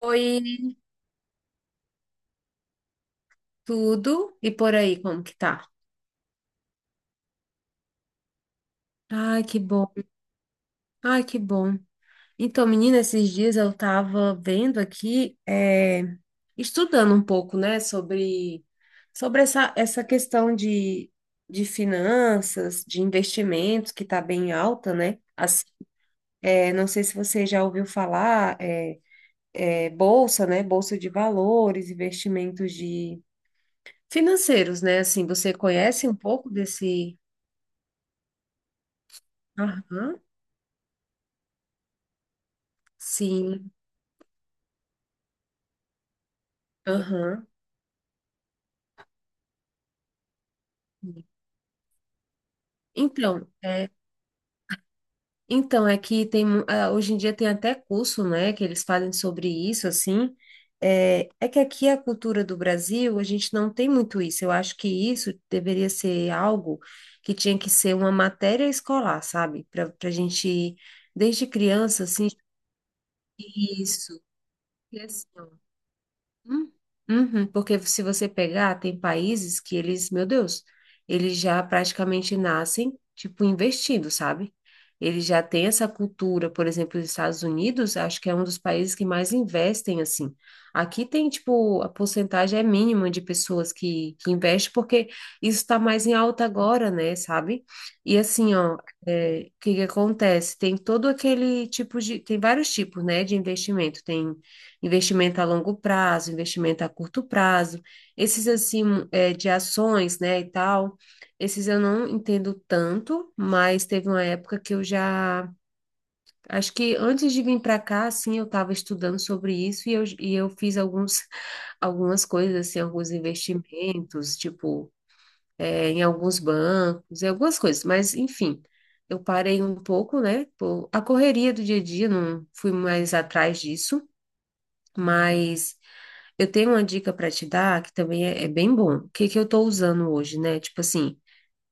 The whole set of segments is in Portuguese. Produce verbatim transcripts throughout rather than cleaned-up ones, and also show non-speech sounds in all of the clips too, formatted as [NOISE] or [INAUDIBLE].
Oi, tudo e por aí, como que tá? Ai, que bom. Ai, que bom. Então, menina, esses dias eu tava vendo aqui, é, estudando um pouco, né, sobre, sobre essa, essa questão de, de finanças, de investimentos, que tá bem alta, né? Assim, é, não sei se você já ouviu falar, é, é, bolsa, né? Bolsa de valores, investimentos de financeiros, né? Assim, você conhece um pouco desse. Aham. Sim. Aham. Então, é, então é que tem mu- ah, hoje em dia tem até curso, né, que eles fazem sobre isso assim. É, é que aqui a cultura do Brasil, a gente não tem muito isso. Eu acho que isso deveria ser algo que tinha que ser uma matéria escolar, sabe? Para para a gente, desde criança, assim, isso. Hum, uhum, porque se você pegar, tem países que eles, meu Deus, eles já praticamente nascem, tipo, investidos, sabe? Eles já têm essa cultura, por exemplo, os Estados Unidos, acho que é um dos países que mais investem, assim. Aqui tem, tipo, a porcentagem é mínima de pessoas que, que investem, porque isso está mais em alta agora, né, sabe? E assim, ó, é, o que que acontece? Tem todo aquele tipo de, tem vários tipos, né, de investimento. Tem investimento a longo prazo, investimento a curto prazo, esses assim é, de ações, né, e tal, esses eu não entendo tanto, mas teve uma época que eu já, acho que antes de vir para cá, assim, eu estava estudando sobre isso e eu, e eu fiz alguns, algumas coisas, assim, alguns investimentos, tipo, é, em alguns bancos, em algumas coisas, mas enfim. Eu parei um pouco, né? Por a correria do dia a dia, não fui mais atrás disso, mas eu tenho uma dica para te dar que também é, é bem bom. O que que eu estou usando hoje, né? Tipo assim,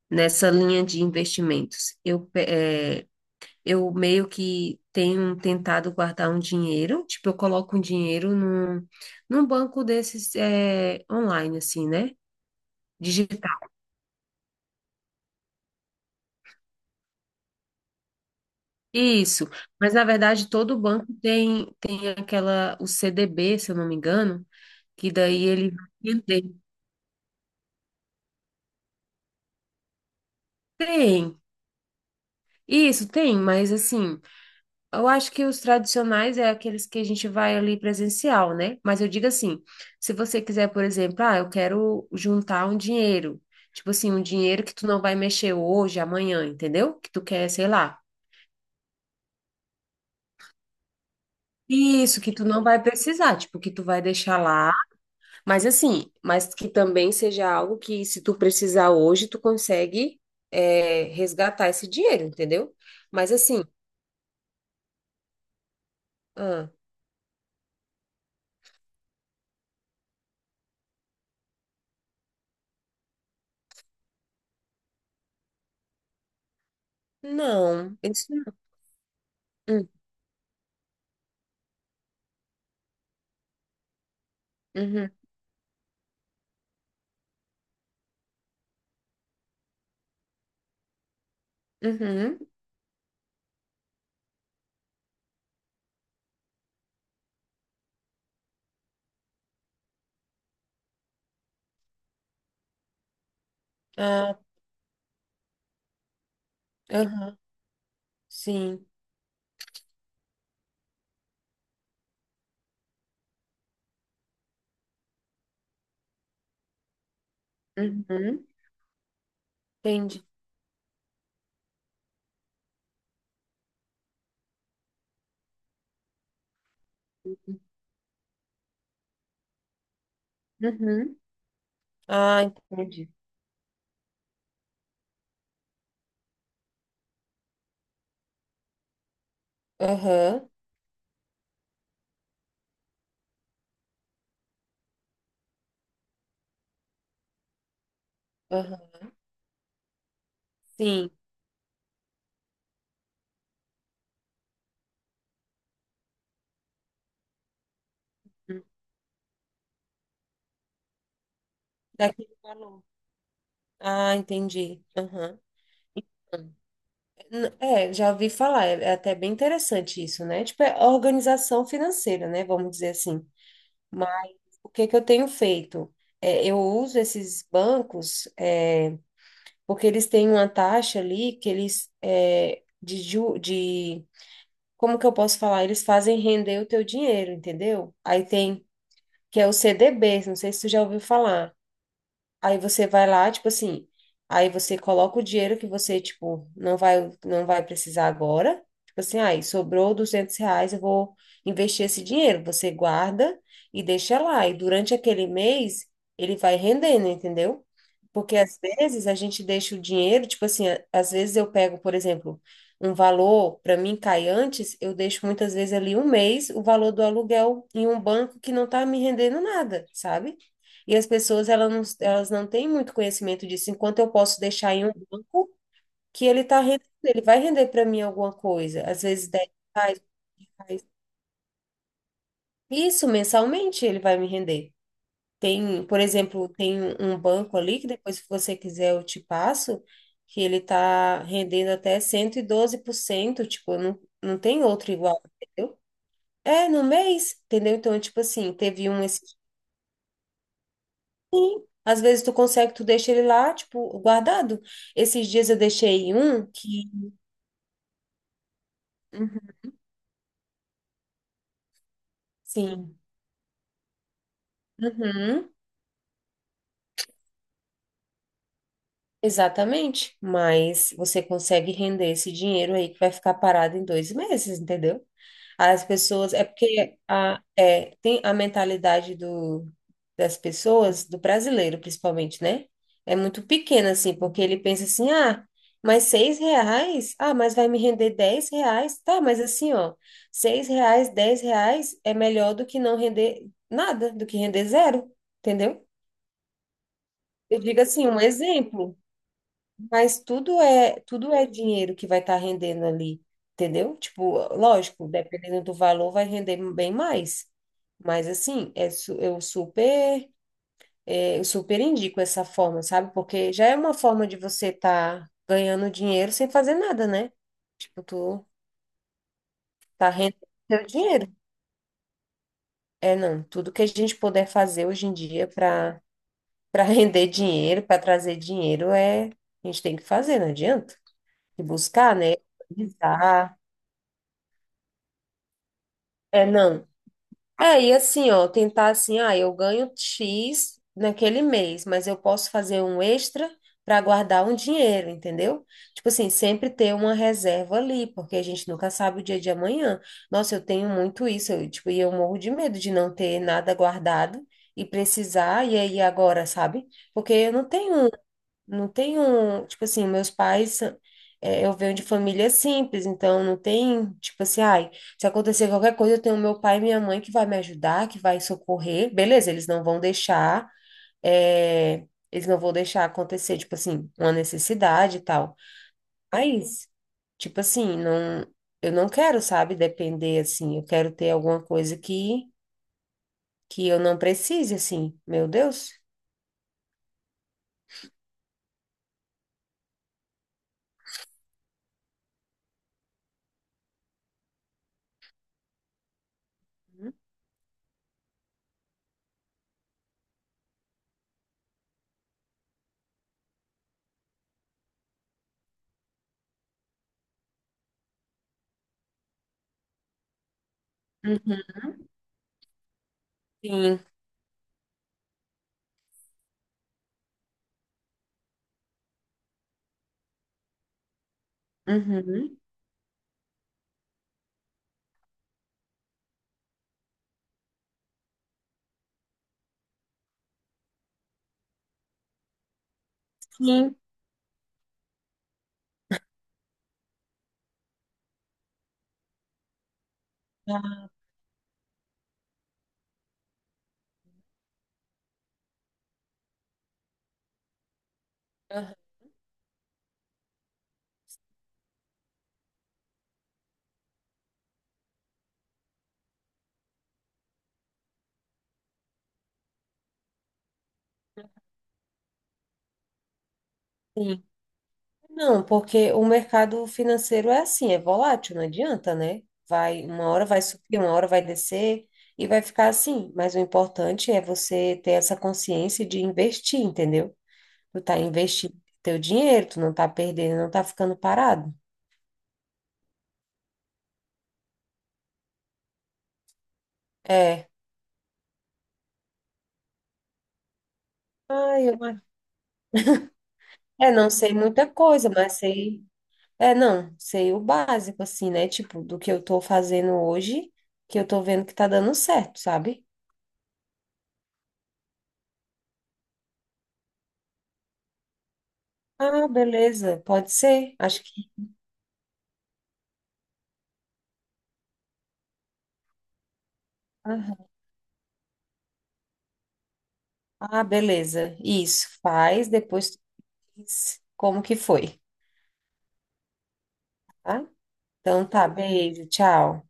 nessa linha de investimentos, eu, pe- é, eu meio que tenho tentado guardar um dinheiro, tipo, eu coloco um dinheiro num, num banco desses é, online, assim, né? Digital. Isso. Mas na verdade, todo banco tem, tem aquela, o C D B, se eu não me engano, que daí ele vai vender. Tem. Isso, tem, mas assim. Eu acho que os tradicionais é aqueles que a gente vai ali presencial, né? Mas eu digo assim, se você quiser, por exemplo, ah, eu quero juntar um dinheiro, tipo assim, um dinheiro que tu não vai mexer hoje, amanhã, entendeu? Que tu quer, sei lá. Isso, que tu não vai precisar, tipo, que tu vai deixar lá, mas assim, mas que também seja algo que se tu precisar hoje, tu consegue é, resgatar esse dinheiro, entendeu? Mas assim, ah, não, isso não. Hum, uhum, uhum. Ah, aham, sim. Uhum. Entendi. Uhum. Ah, entendi. Aham, aham. Sim. Hum. Daquele valor. Ah, entendi. Aham. Hum. N- É, já ouvi falar, é é até bem interessante isso, né? Tipo, é organização financeira, né? Vamos dizer assim. Mas o que que eu tenho feito? É, eu uso esses bancos, é, porque eles têm uma taxa ali que eles, é, de, ju- de como que eu posso falar? Eles fazem render o teu dinheiro, entendeu? Aí tem, que é o C D Bs, não sei se tu já ouviu falar. Aí você vai lá, tipo assim, aí você coloca o dinheiro que você, tipo, não vai, não vai precisar agora. Tipo assim, aí sobrou duzentos reais, eu vou investir esse dinheiro. Você guarda e deixa lá. E durante aquele mês, ele vai rendendo, entendeu? Porque às vezes a gente deixa o dinheiro, tipo assim, a- às vezes eu pego, por exemplo, um valor, para mim cai antes, eu deixo muitas vezes ali um mês o valor do aluguel em um banco que não tá me rendendo nada, sabe? E as pessoas elas não, elas não têm muito conhecimento disso, enquanto eu posso deixar em um banco que ele tá rendendo, ele vai render para mim alguma coisa, às vezes dez reais, mas isso mensalmente ele vai me render. Tem, por exemplo, tem um um banco ali que depois, se você quiser, eu te passo, que ele tá rendendo até cento e doze por cento tipo, não, não tem outro igual, entendeu? É, no mês, entendeu? Então, tipo assim, teve um esse. Às vezes tu consegue, tu deixa ele lá, tipo, guardado. Esses dias eu deixei um que. Uhum, sim. Uhum, exatamente. Mas você consegue render esse dinheiro aí que vai ficar parado em dois meses, entendeu? As pessoas, é porque a, é, tem a mentalidade do, das pessoas, do brasileiro principalmente, né? É muito pequena, assim, porque ele pensa assim, ah, mas seis reais? Ah, mas vai me render dez reais? Tá, mas assim, ó, seis reais, dez reais é melhor do que não render nada, do que render zero, entendeu? Eu digo assim, um exemplo. Mas tudo é, tudo é dinheiro que vai estar rendendo ali, entendeu? Tipo, lógico, dependendo do valor, vai render bem mais. Mas assim, é, su- eu super, é, eu super indico essa forma, sabe? Porque já é uma forma de você estar ganhando dinheiro sem fazer nada, né? Tipo, tu tá rendendo seu dinheiro. É, não, tudo que a gente puder fazer hoje em dia para para [LAUGHS] render dinheiro, para trazer dinheiro, é, a gente tem que fazer, não adianta. E buscar, né? É, não. É, e assim, ó, tentar assim, ah, eu ganho X naquele mês, mas eu posso fazer um extra para guardar um dinheiro, entendeu? Tipo assim, sempre ter uma reserva ali, porque a gente nunca sabe o dia de amanhã. Nossa, eu tenho muito isso, eu, tipo, e eu morro de medo de não ter nada guardado e precisar, e aí agora, sabe? Porque eu não tenho não tem um, tipo assim, meus pais, é, eu venho de família simples, então não tem, tipo assim, ai, se acontecer qualquer coisa, eu tenho meu pai e minha mãe que vai me ajudar, que vai socorrer, beleza, eles não vão deixar, é, eles não vão deixar acontecer, tipo assim, uma necessidade e tal. Mas, tipo assim, não, eu não quero, sabe, depender, assim, eu quero ter alguma coisa que, que eu não precise, assim, meu Deus. Uhum. Sim. Uhum. Sim. Ah, sim. Não, porque o mercado financeiro é assim, é volátil, não adianta, né? Vai, uma hora vai subir, uma hora vai descer e vai ficar assim. Mas o importante é você ter essa consciência de investir, entendeu? Tu tá investindo teu dinheiro, tu não tá perdendo, não tá ficando parado. É. Ai, eu, é, não sei muita coisa, mas sei. É, não, sei o básico, assim, né? Tipo, do que eu tô fazendo hoje, que eu tô vendo que tá dando certo, sabe? Ah, beleza, pode ser. Acho que. Ah, beleza. Isso, faz, depois tu diz como que foi, tá? Então tá, beijo, tchau.